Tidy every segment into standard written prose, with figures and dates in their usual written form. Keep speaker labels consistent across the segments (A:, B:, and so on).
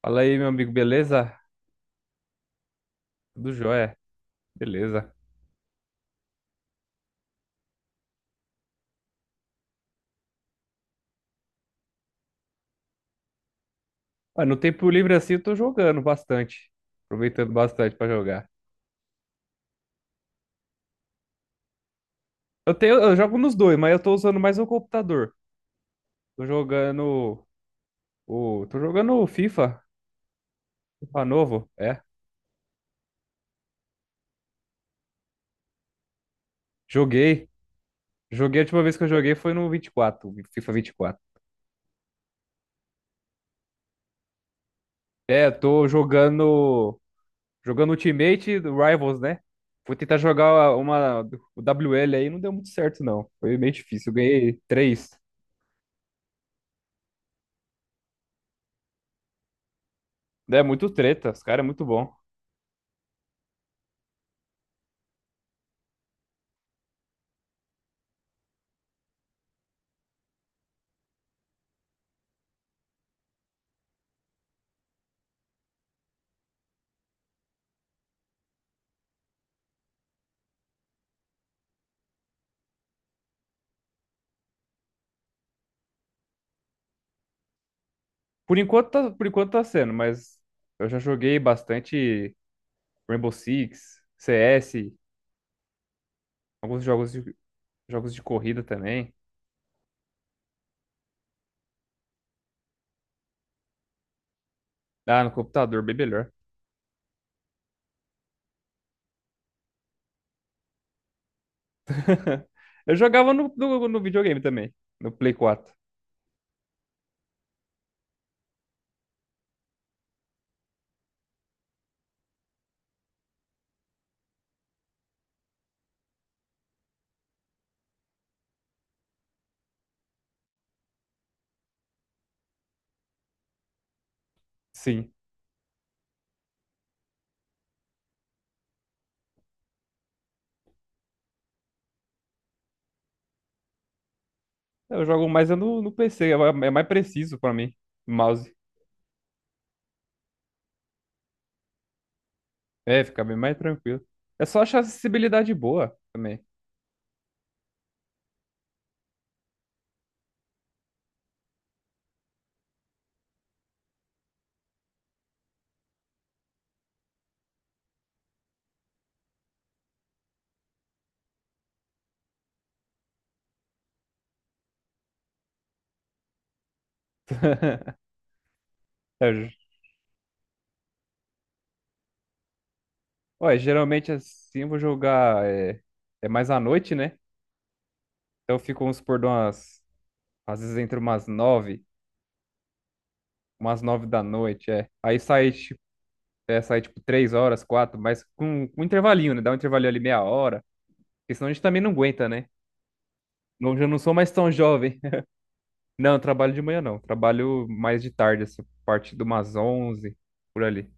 A: Fala aí, meu amigo, beleza? Tudo jóia, beleza. Ah, no tempo livre assim eu tô jogando bastante, aproveitando bastante pra jogar. Eu jogo nos dois, mas eu tô usando mais o computador. Tô jogando o FIFA, FIFA novo, é. Joguei, joguei a última vez que eu joguei foi no 24, o FIFA 24. É, eu tô jogando Ultimate do Rivals, né? Fui tentar jogar o WL aí, não deu muito certo não. Foi meio difícil, eu ganhei três. É muito treta, os caras é muito bom. Por enquanto tá sendo, mas eu já joguei bastante Rainbow Six, CS, alguns jogos de, jogos de corrida também. Ah, no computador, bem melhor. Eu jogava no videogame também, no Play 4. Sim. Eu jogo mais é no PC, é mais preciso pra mim, o mouse. É, fica bem mais tranquilo. É só achar acessibilidade boa também. É, ge- Olha, geralmente assim eu vou jogar é mais à noite, né? Então, eu fico, vamos supor, às vezes umas nove da noite, é. Aí sai, tipo, sai, tipo, três horas, quatro, mas com um intervalinho, né? Dá um intervalinho ali meia hora, porque senão a gente também não aguenta, né? Não, já não sou mais tão jovem. Não, eu trabalho de manhã, não. Trabalho mais de tarde, assim, parte de umas onze, por ali.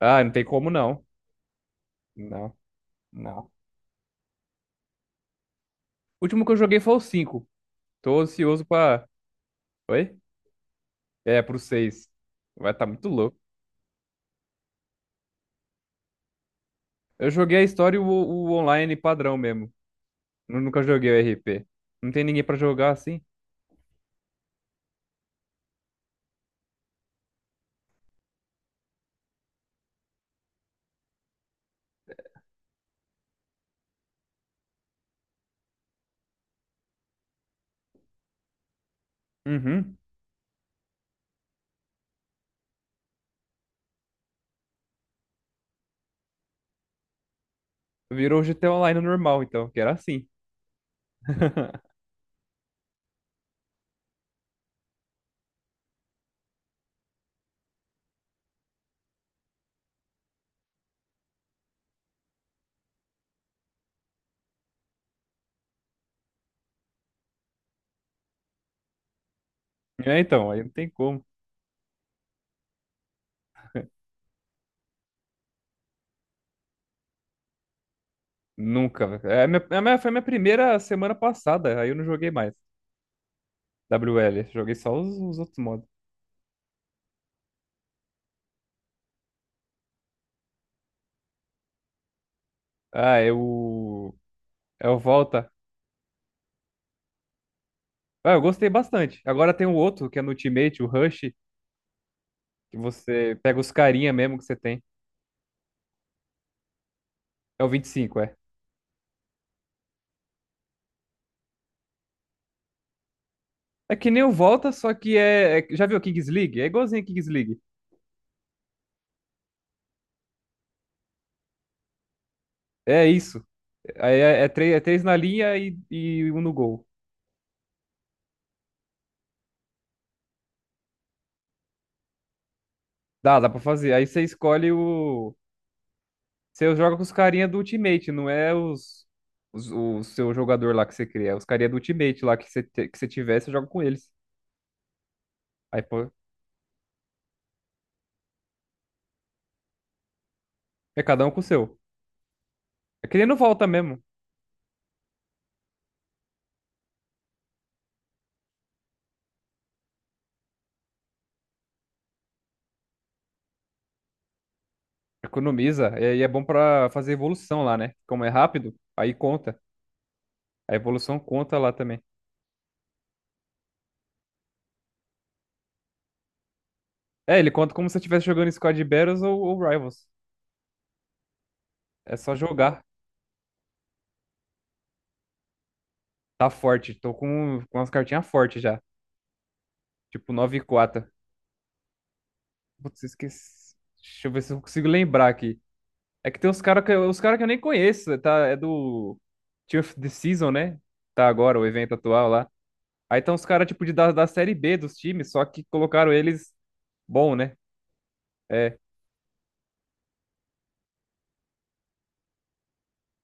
A: Ah, não tem como, não. Não, não. O último que eu joguei foi o cinco. Tô ansioso pra... Oi? É, pro seis. Vai tá muito louco. Eu joguei a história e o online padrão mesmo. Nunca joguei o RP. Não tem ninguém pra jogar assim? Uhum. Virou GTA Online normal, então, que era assim. É, então, aí não tem como. Nunca, velho. É, foi a minha primeira semana passada, aí eu não joguei mais. WL, joguei só os outros modos. Ah, é o. É o Volta. Ah, eu gostei bastante. Agora tem o outro, que é no Ultimate, o Rush, que você pega os carinha mesmo que você tem. É o 25, é. É que nem o Volta, só que Já viu o Kings League? É igualzinho a Kings League. É isso. Aí é, é três na linha e um no gol. Dá, dá pra fazer. Aí você escolhe o. Você joga com os carinha do Ultimate, não é os- o seu jogador lá que você cria. É os carinha do Ultimate lá que que você tiver, você joga com eles. Aí, pô, é cada um com o seu. É que nem no volta mesmo. Economiza. E é bom pra fazer evolução lá, né? Como é rápido, aí conta. A evolução conta lá também. É, ele conta como se eu estivesse jogando Squad Battles ou Rivals. É só jogar. Tá forte. Tô com umas cartinhas fortes já. Tipo, 9 e 4. Putz, eu esqueci. Deixa eu ver se eu consigo lembrar aqui. É que tem uns cara que eu nem conheço, tá? É do Tier of the Season, né? Tá agora, o evento atual lá. Aí tem uns caras, tipo, da Série B dos times, só que colocaram eles bom, né? É.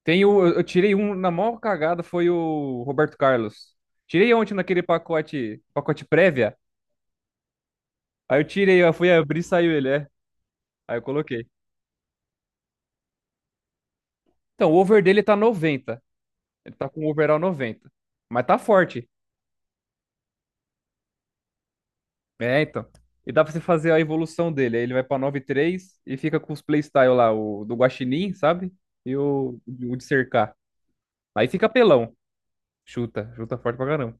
A: Tem o, eu tirei um na maior cagada, foi o Roberto Carlos. Tirei ontem naquele pacote, pacote prévia. Aí eu tirei, eu fui abrir e saiu ele, é. Aí eu coloquei. Então, o over dele tá 90. Ele tá com o overall 90. Mas tá forte. É, então. E dá pra você fazer a evolução dele. Aí ele vai pra 9 3 e fica com os playstyle lá, o do Guaxinim, sabe? E o de cercar. Aí fica pelão. Chuta, chuta forte pra caramba.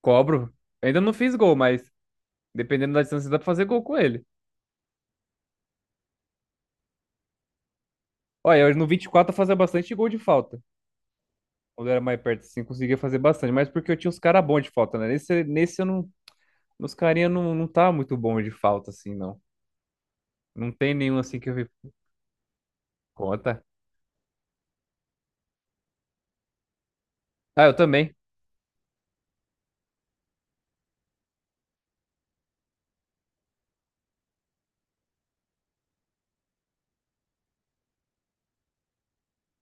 A: Cobro. Ainda não fiz gol, mas dependendo da distância dá pra fazer gol com ele. Olha, eu no 24 eu fazia bastante gol de falta. Quando eu era mais perto, assim, conseguia fazer bastante. Mas porque eu tinha uns caras bons de falta, né? Nesse eu não. Nos carinha não, não tá muito bom de falta, assim, não. Não tem nenhum assim que eu vi. Conta. Ah, eu também.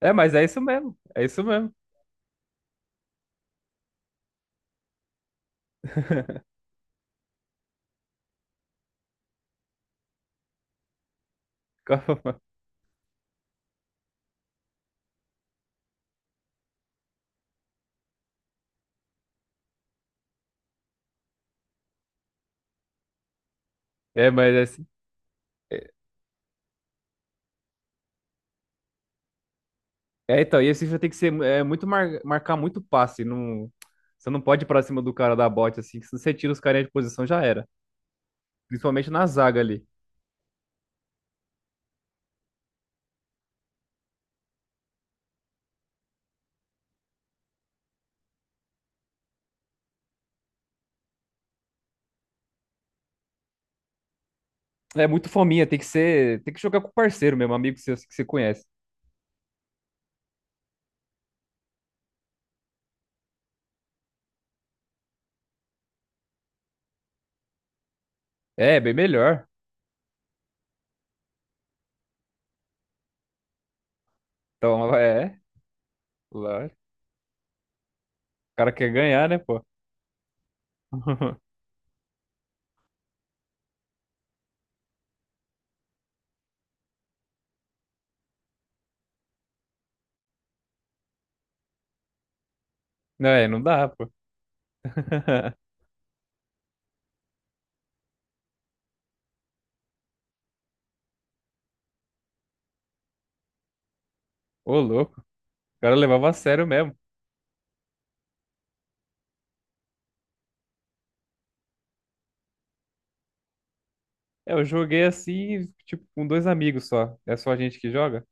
A: É, mas é isso mesmo. É isso mesmo. Calma. É, mas é, assim- é, é, então, e esse FIFA tem que ser muito marcar muito passe. Não, você não pode ir pra cima do cara da bote, assim, que se você tira os carinha de posição, já era. Principalmente na zaga ali. É muito fominha, tem que ser. Tem que jogar com o parceiro mesmo, amigo seu que você conhece. É, bem melhor. Então, é, claro. O cara quer ganhar, né, pô? Não, é, não dá, pô. Ô, louco. O cara levava a sério mesmo. É, eu joguei assim, tipo, com dois amigos só. É só a gente que joga?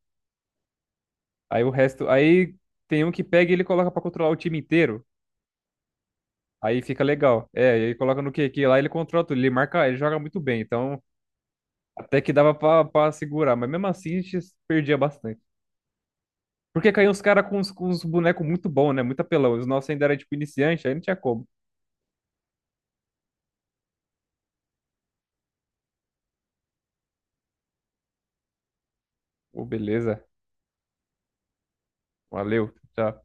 A: Aí o resto. Aí tem um que pega e ele coloca pra controlar o time inteiro. Aí fica legal. É, ele coloca no QQ lá, ele controla tudo. Ele marca, ele joga muito bem. Então, até que dava pra, pra segurar. Mas mesmo assim, a gente perdia bastante. Porque caíam os caras com os com uns bonecos muito bons, né? Muito apelão. Os nossos ainda era tipo iniciante, aí não tinha como. Ô, beleza. Valeu, tchau.